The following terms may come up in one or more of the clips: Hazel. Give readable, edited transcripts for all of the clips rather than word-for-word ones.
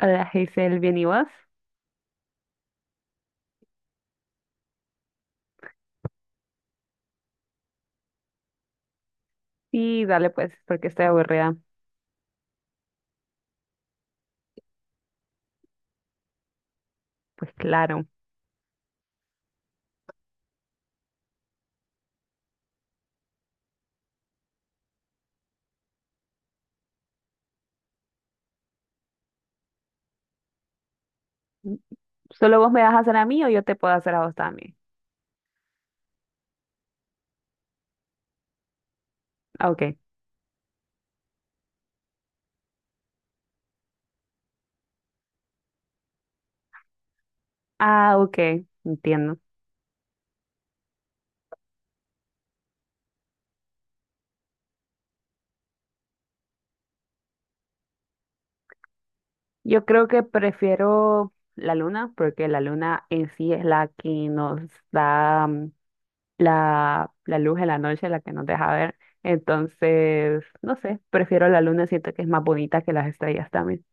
Hola, Hazel, ¿bien y vos? Sí, dale pues, porque estoy aburrida. Pues claro. ¿Solo vos me vas a hacer a mí o yo te puedo hacer a vos también? Ah, ok. Ah, ok, entiendo. Yo creo que prefiero la luna, porque la luna en sí es la que nos da la luz en la noche, la que nos deja ver. Entonces, no sé, prefiero la luna, siento que es más bonita que las estrellas también.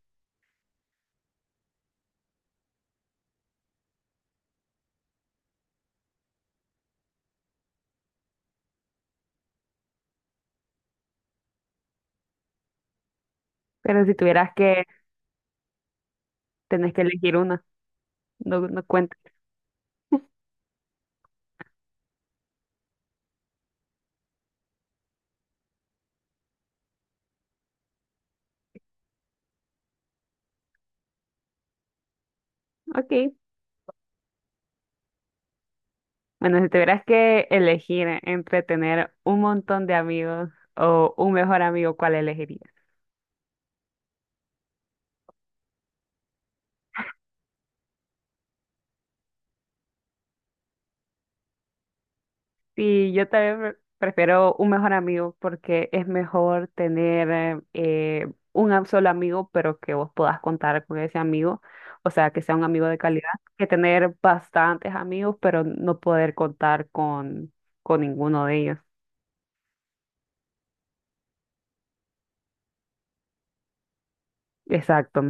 Pero si tuvieras que, tenés que elegir una, no, no cuenta. Ok, bueno, si tuvieras que elegir entre tener un montón de amigos o un mejor amigo, ¿cuál elegirías? Sí, yo también prefiero un mejor amigo porque es mejor tener solo amigo, pero que vos puedas contar con ese amigo, o sea, que sea un amigo de calidad, que tener bastantes amigos, pero no poder contar con ninguno de ellos. Exacto.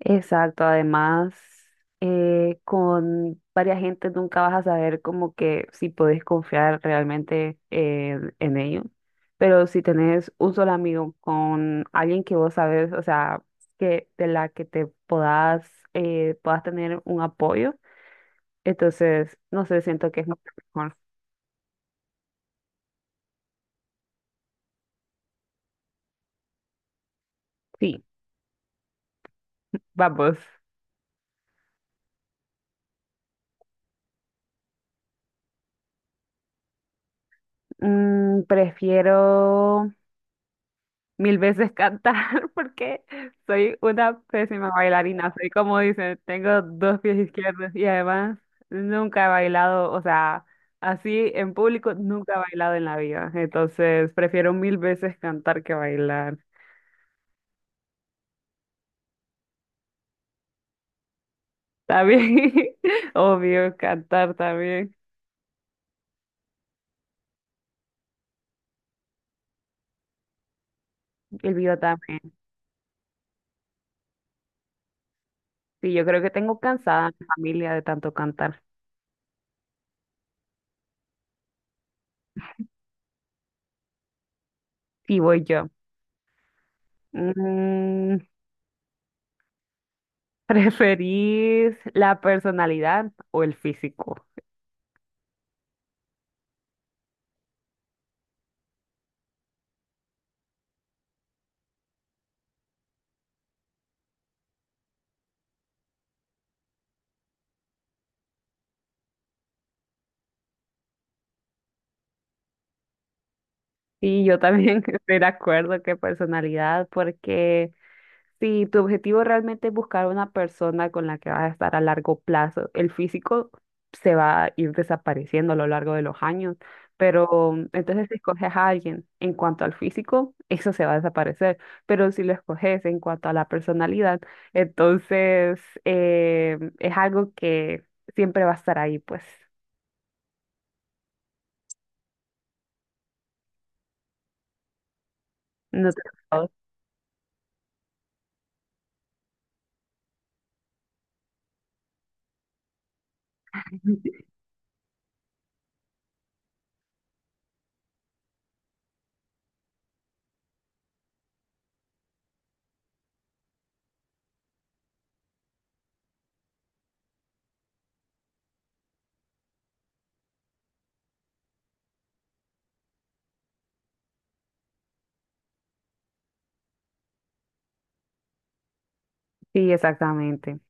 Exacto, además, con varias gentes nunca vas a saber como que si podés confiar realmente en ellos, pero si tenés un solo amigo con alguien que vos sabes, o sea, que de la que te puedas, puedas tener un apoyo. Entonces, no sé, siento que es mucho mejor. Sí, vamos. Prefiero mil veces cantar porque soy una pésima bailarina. Soy como dicen, tengo dos pies izquierdos y además nunca he bailado, o sea, así en público nunca he bailado en la vida. Entonces prefiero mil veces cantar que bailar. También, obvio, cantar también. El video también. Sí, yo creo que tengo cansada a mi familia de tanto cantar. Sí, voy yo. Mm, ¿preferís la personalidad o el físico? Y yo también estoy de acuerdo que personalidad, porque si tu objetivo realmente es buscar una persona con la que vas a estar a largo plazo, el físico se va a ir desapareciendo a lo largo de los años, pero entonces si escoges a alguien en cuanto al físico, eso se va a desaparecer, pero si lo escoges en cuanto a la personalidad, entonces es algo que siempre va a estar ahí, pues. No te... Sí, exactamente.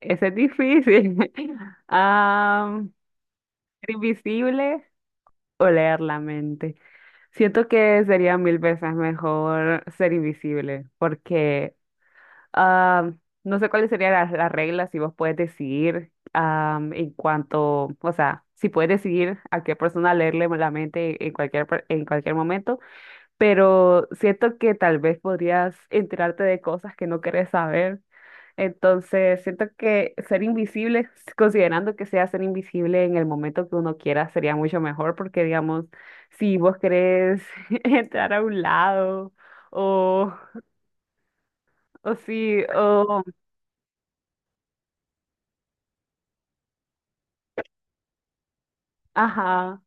Ese es difícil. Ah, ser invisible o leer la mente. Siento que sería mil veces mejor ser invisible porque ah, no sé cuáles serían las reglas si vos puedes decidir en cuanto, o sea, si puedes decidir a qué persona leerle la mente en cualquier, en cualquier momento, pero siento que tal vez podrías enterarte de cosas que no querés saber. Entonces, siento que ser invisible, considerando que sea ser invisible en el momento que uno quiera, sería mucho mejor porque, digamos, si vos querés entrar a un lado o, o si, ajá,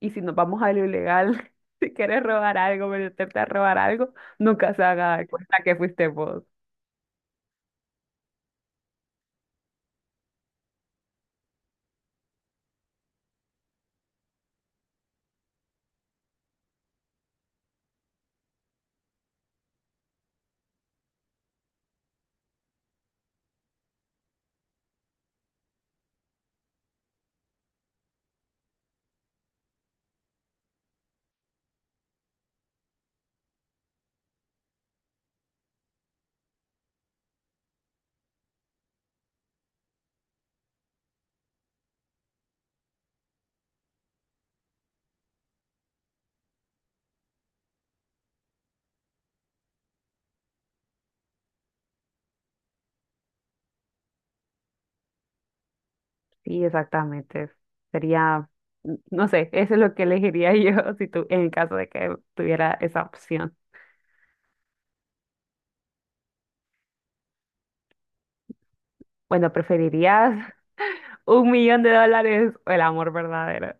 y si nos vamos a lo ilegal, si quieres robar algo, meterte a robar algo, nunca se haga cuenta que fuiste vos. Sí, exactamente. Sería, no sé, eso es lo que elegiría yo si tú, en caso de que tuviera esa opción. Bueno, ¿preferirías un millón de dólares o el amor verdadero?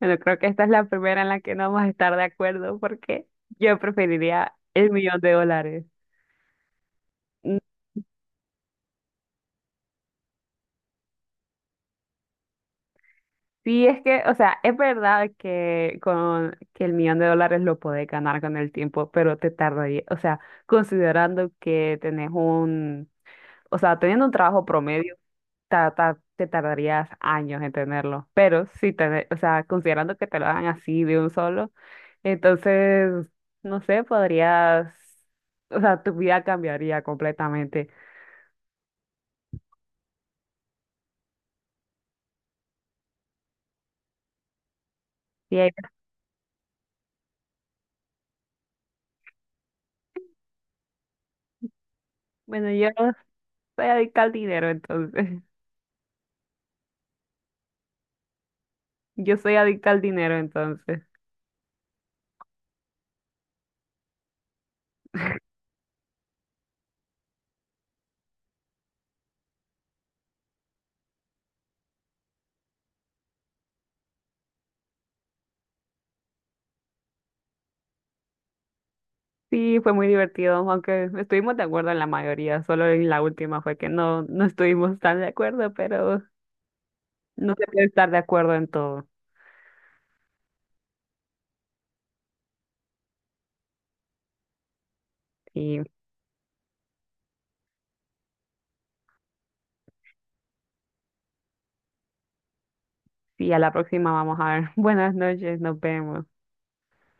Bueno, creo que esta es la primera en la que no vamos a estar de acuerdo, porque yo preferiría el millón de dólares. Mm, sí, es que, o sea, es verdad que con que el millón de dólares lo podés ganar con el tiempo, pero te tardaría, o sea, considerando que tenés un, o sea, teniendo un trabajo promedio, te tardarías años en tenerlo. Pero si te, o sea, considerando que te lo hagan así de un solo. Entonces, no sé, podrías, o sea, tu vida cambiaría completamente. Y ahí, bueno, yo no soy adicta al dinero, entonces, yo soy adicta al dinero, entonces. Sí, fue muy divertido, aunque estuvimos de acuerdo en la mayoría, solo en la última fue que no estuvimos tan de acuerdo, pero no se puede estar de acuerdo en todo. Y sí, a la próxima vamos a ver. Buenas noches, nos vemos.